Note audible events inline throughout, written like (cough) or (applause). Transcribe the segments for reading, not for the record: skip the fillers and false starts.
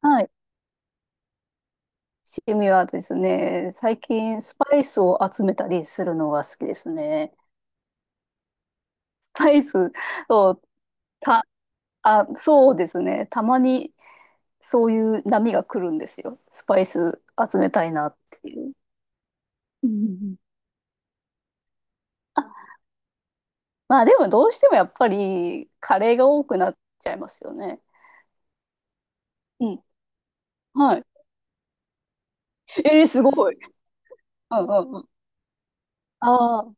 はい。趣味はですね、最近スパイスを集めたりするのが好きですね。スパイスを、た、あ、そうですね。たまにそういう波が来るんですよ。スパイス集めたいなっていう。うんうんうん。あ、まあでもどうしてもやっぱりカレーが多くなっちゃいますよね。うん。はい。えー、すごい。うんうんうん。ああ、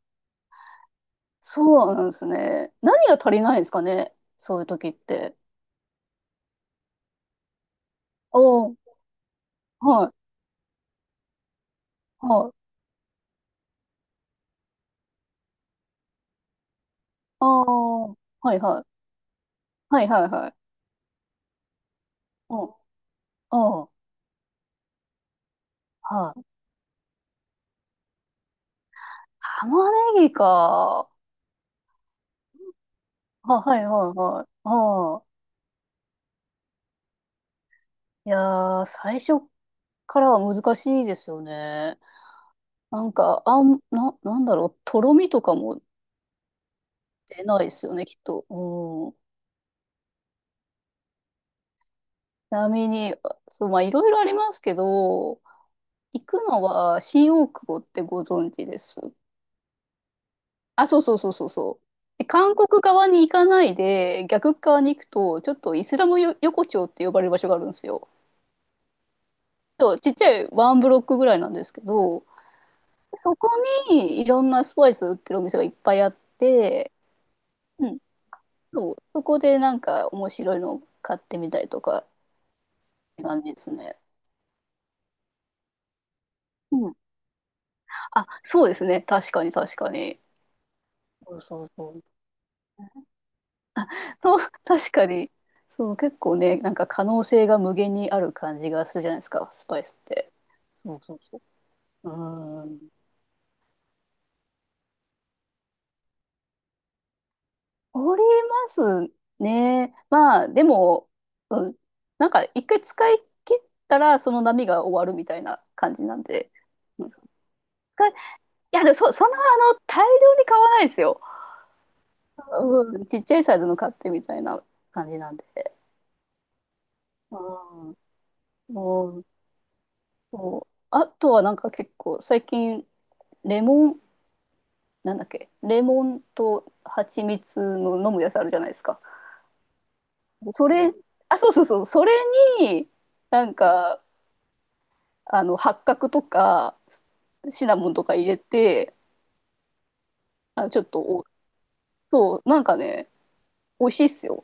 そうなんですね。何が足りないんですかね。そういう時って。おお、はい。はい。ああ、はいはい。はいはいはい。うん、うん、はい。玉ねぎか。あ、はいはいはい。ああ、いやー、最初からは難しいですよね。なんか、なんだろう、とろみとかも出ないですよね、きっと。うん。ちなみに、あ、そう、まあ、いろいろありますけど、行くのは新大久保ってご存知です？あ、そうそうそうそうそう。で韓国側に行かないで、逆側に行くと、ちょっとイスラムよ横丁って呼ばれる場所があるんですよ。とちっちゃいワンブロックぐらいなんですけど、そこにいろんなスパイス売ってるお店がいっぱいあって、うん、そう、そこでなんか面白いの買ってみたりとかって感じですね。うん。あ、そうですね。確かに確かに。そうそうそう。そう、確かに。そう、結構ね、なんか可能性が無限にある感じがするじゃないですか、スパイスって。そうそうそう。うん。おりますね。まあ、でも、うん。なんか一回使い切ったら、その波が終わるみたいな感じなんで。うん。使いいや、でもそんな、あの、大量に買わないですよ。うん。ちっちゃいサイズの買ってみたいな感じなんで。うん。も、そう、あとはなんか結構、最近、レモン。なんだっけ、レモンと蜂蜜の飲むやつあるじゃないですか？それ、あ、そうそうそう、それになんか、あの、八角とかシナモンとか入れて、あの、ちょっと、お、そう、なんかね、美味しいっすよ。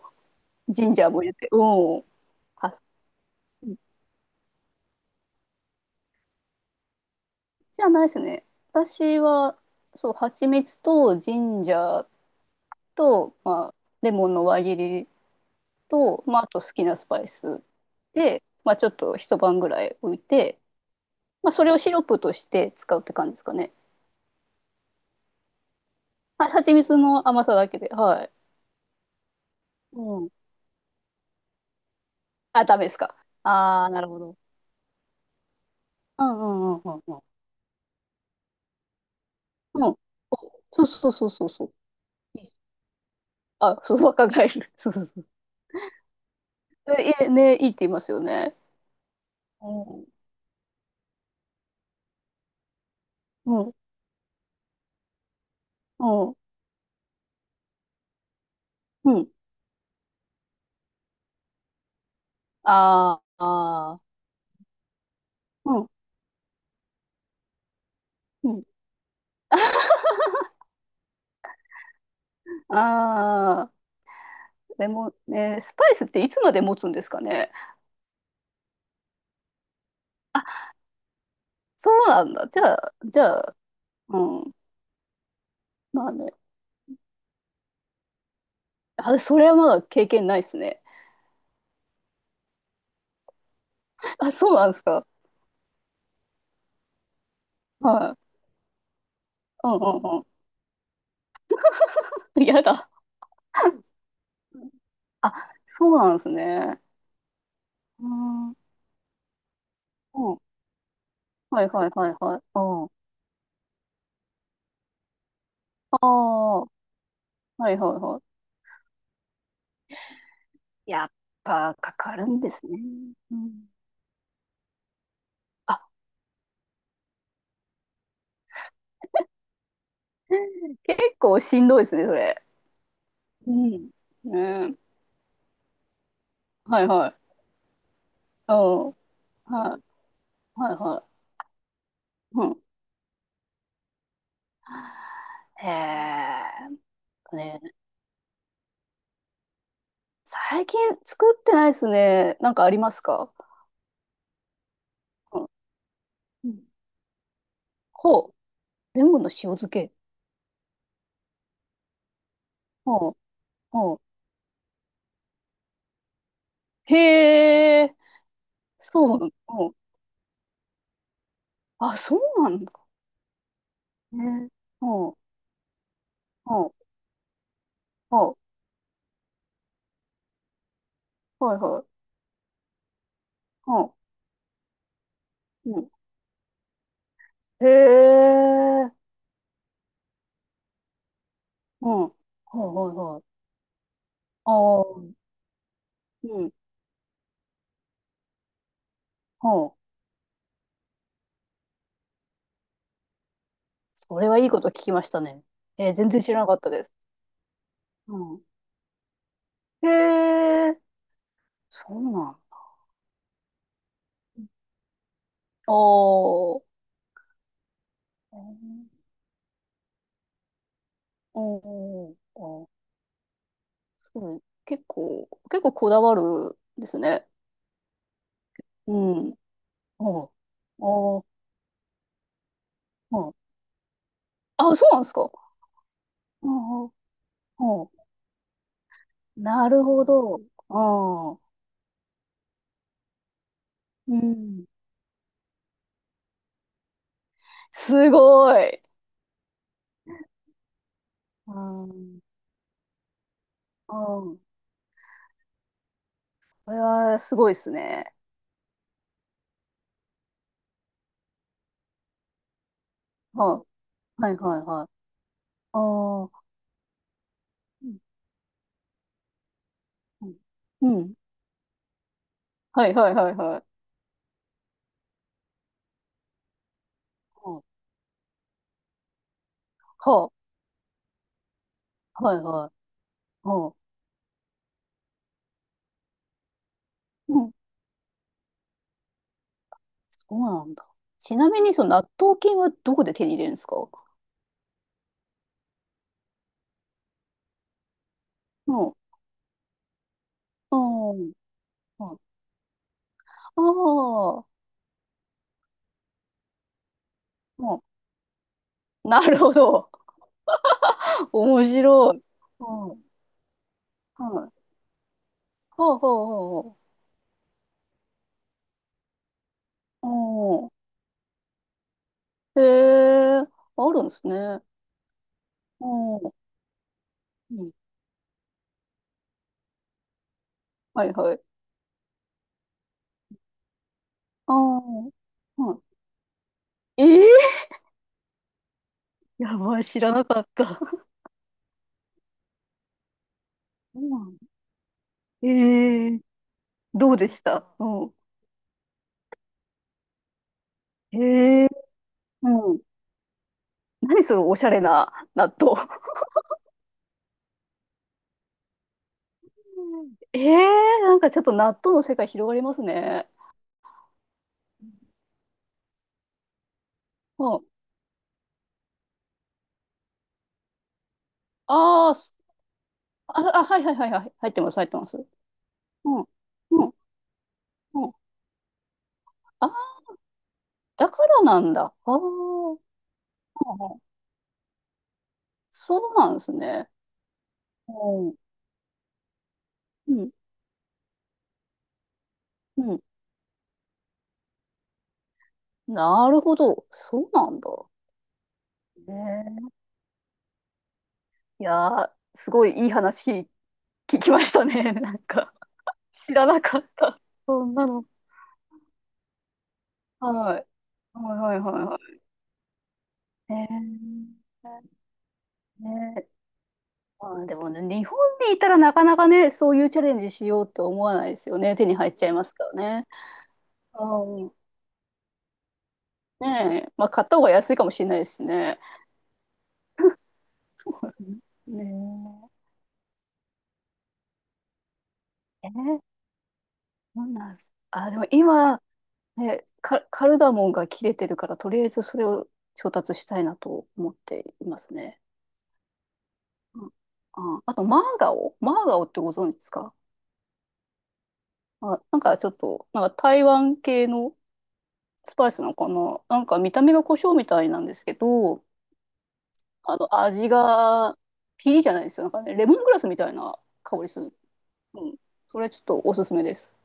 ジンジャーも入れて。うん。あ、じゃないっすね、私は。そう、蜂蜜とジンジャーと、まあ、レモンの輪切りと、まあ、あと好きなスパイスで、まあ、ちょっと一晩ぐらい置いて、まあ、それをシロップとして使うって感じですかね。蜂蜜の甘さだけで、はい。うん。あ、ダメですか。ああ、なるほど。うんうんうんうんうん。うん。お、そうそうそうそうそう。いいあ、そう、若返る。そうそうそう。え、ね、いいって言いますよね。うん。うん。うん。うん。あーあー。うん。うん。ああ。レモン、ね、スパイスっていつまで持つんですかね。あ、そうなんだ。じゃあ、うん。まあね。あ、それはまだ経験ないですね。あ、そうなんですか。はい。うんうんうん。やだ。あ、そうなんですね。うん。うん。はいはいはいはい。うん。ああ、はいはいはい。やっぱかかるんですね。うん。あ、結構しんどいですね、それ。うん。うん。はいはい。うん。はいはいはい。うん。へえ。ね、最近作ってないですね。なんかありますか？うん。うん。ほう。レモンの塩漬け。ほう。へえ、そう、うん。あ、そうなんだね。うん、うん、うん、はいはい、うん、うん。へえ、うん、はいはいはい。ああ、うん、うん。それはいいこと聞きましたね。えー、全然知らなかったです。うん。へえ、そうなんだ。おー、おー、おー、そう、結構、結構こだわるですね。うん。おー、おー、うん。あ、そうなんですか？おう、おう、なるほど。ああ、うん。すごい。うんうん。これはすごいですね。はあ、はいはいはい。ああ、うんうん。うん、はいはいはいはい。はあ、はあ、はいはい。はあ、うん。そうなんだ。ちなみに、その納豆菌はどこで手に入れるんですか？うん。うん。うん、ああ、うん。なるほど。(laughs) 面白い。うん。はい。は、はあはあはあ。おー。へえ、あるんですね。おー。うん。はいはい。あー。はい。ええー (laughs) やばい、知らなかった。そうなへええー、どうでした？うん。ええー。うん。何そのおしゃれな納豆。(laughs) ええー、なんかちょっと納豆の世界広がりますね。うん。あーすあ、あ、はいはいはいはい。入ってます、入ってます。うん。うん。うん。あー、だからなんだ。ああ。そうなんですね。うんうん、うん。なるほど。そうなんだ。ねえ。いやー、すごいいい話聞きましたね。(laughs) なんか、知らなかった。そんなの。はい。はいはいはいはい。ねえ。ねえ。まあでもね、日本にいたらなかなかね、そういうチャレンジしようって思わないですよね。手に入っちゃいますからね。うん。ねえ。まあ、買った方が安いかもしれないですね。(laughs) ねえ。えー、そうなんです。あ、でも今、え、カルダモンが切れてるから、とりあえずそれを調達したいなと思っていますね。うん。あ、あと、マーガオマーガオってご存知ですか？あ、なんかちょっと、なんか台湾系のスパイスのこの、なんか見た目が胡椒みたいなんですけど、あの、味がピリじゃないですよ。なんかね、レモングラスみたいな香りする。うん。それちょっとおすすめです。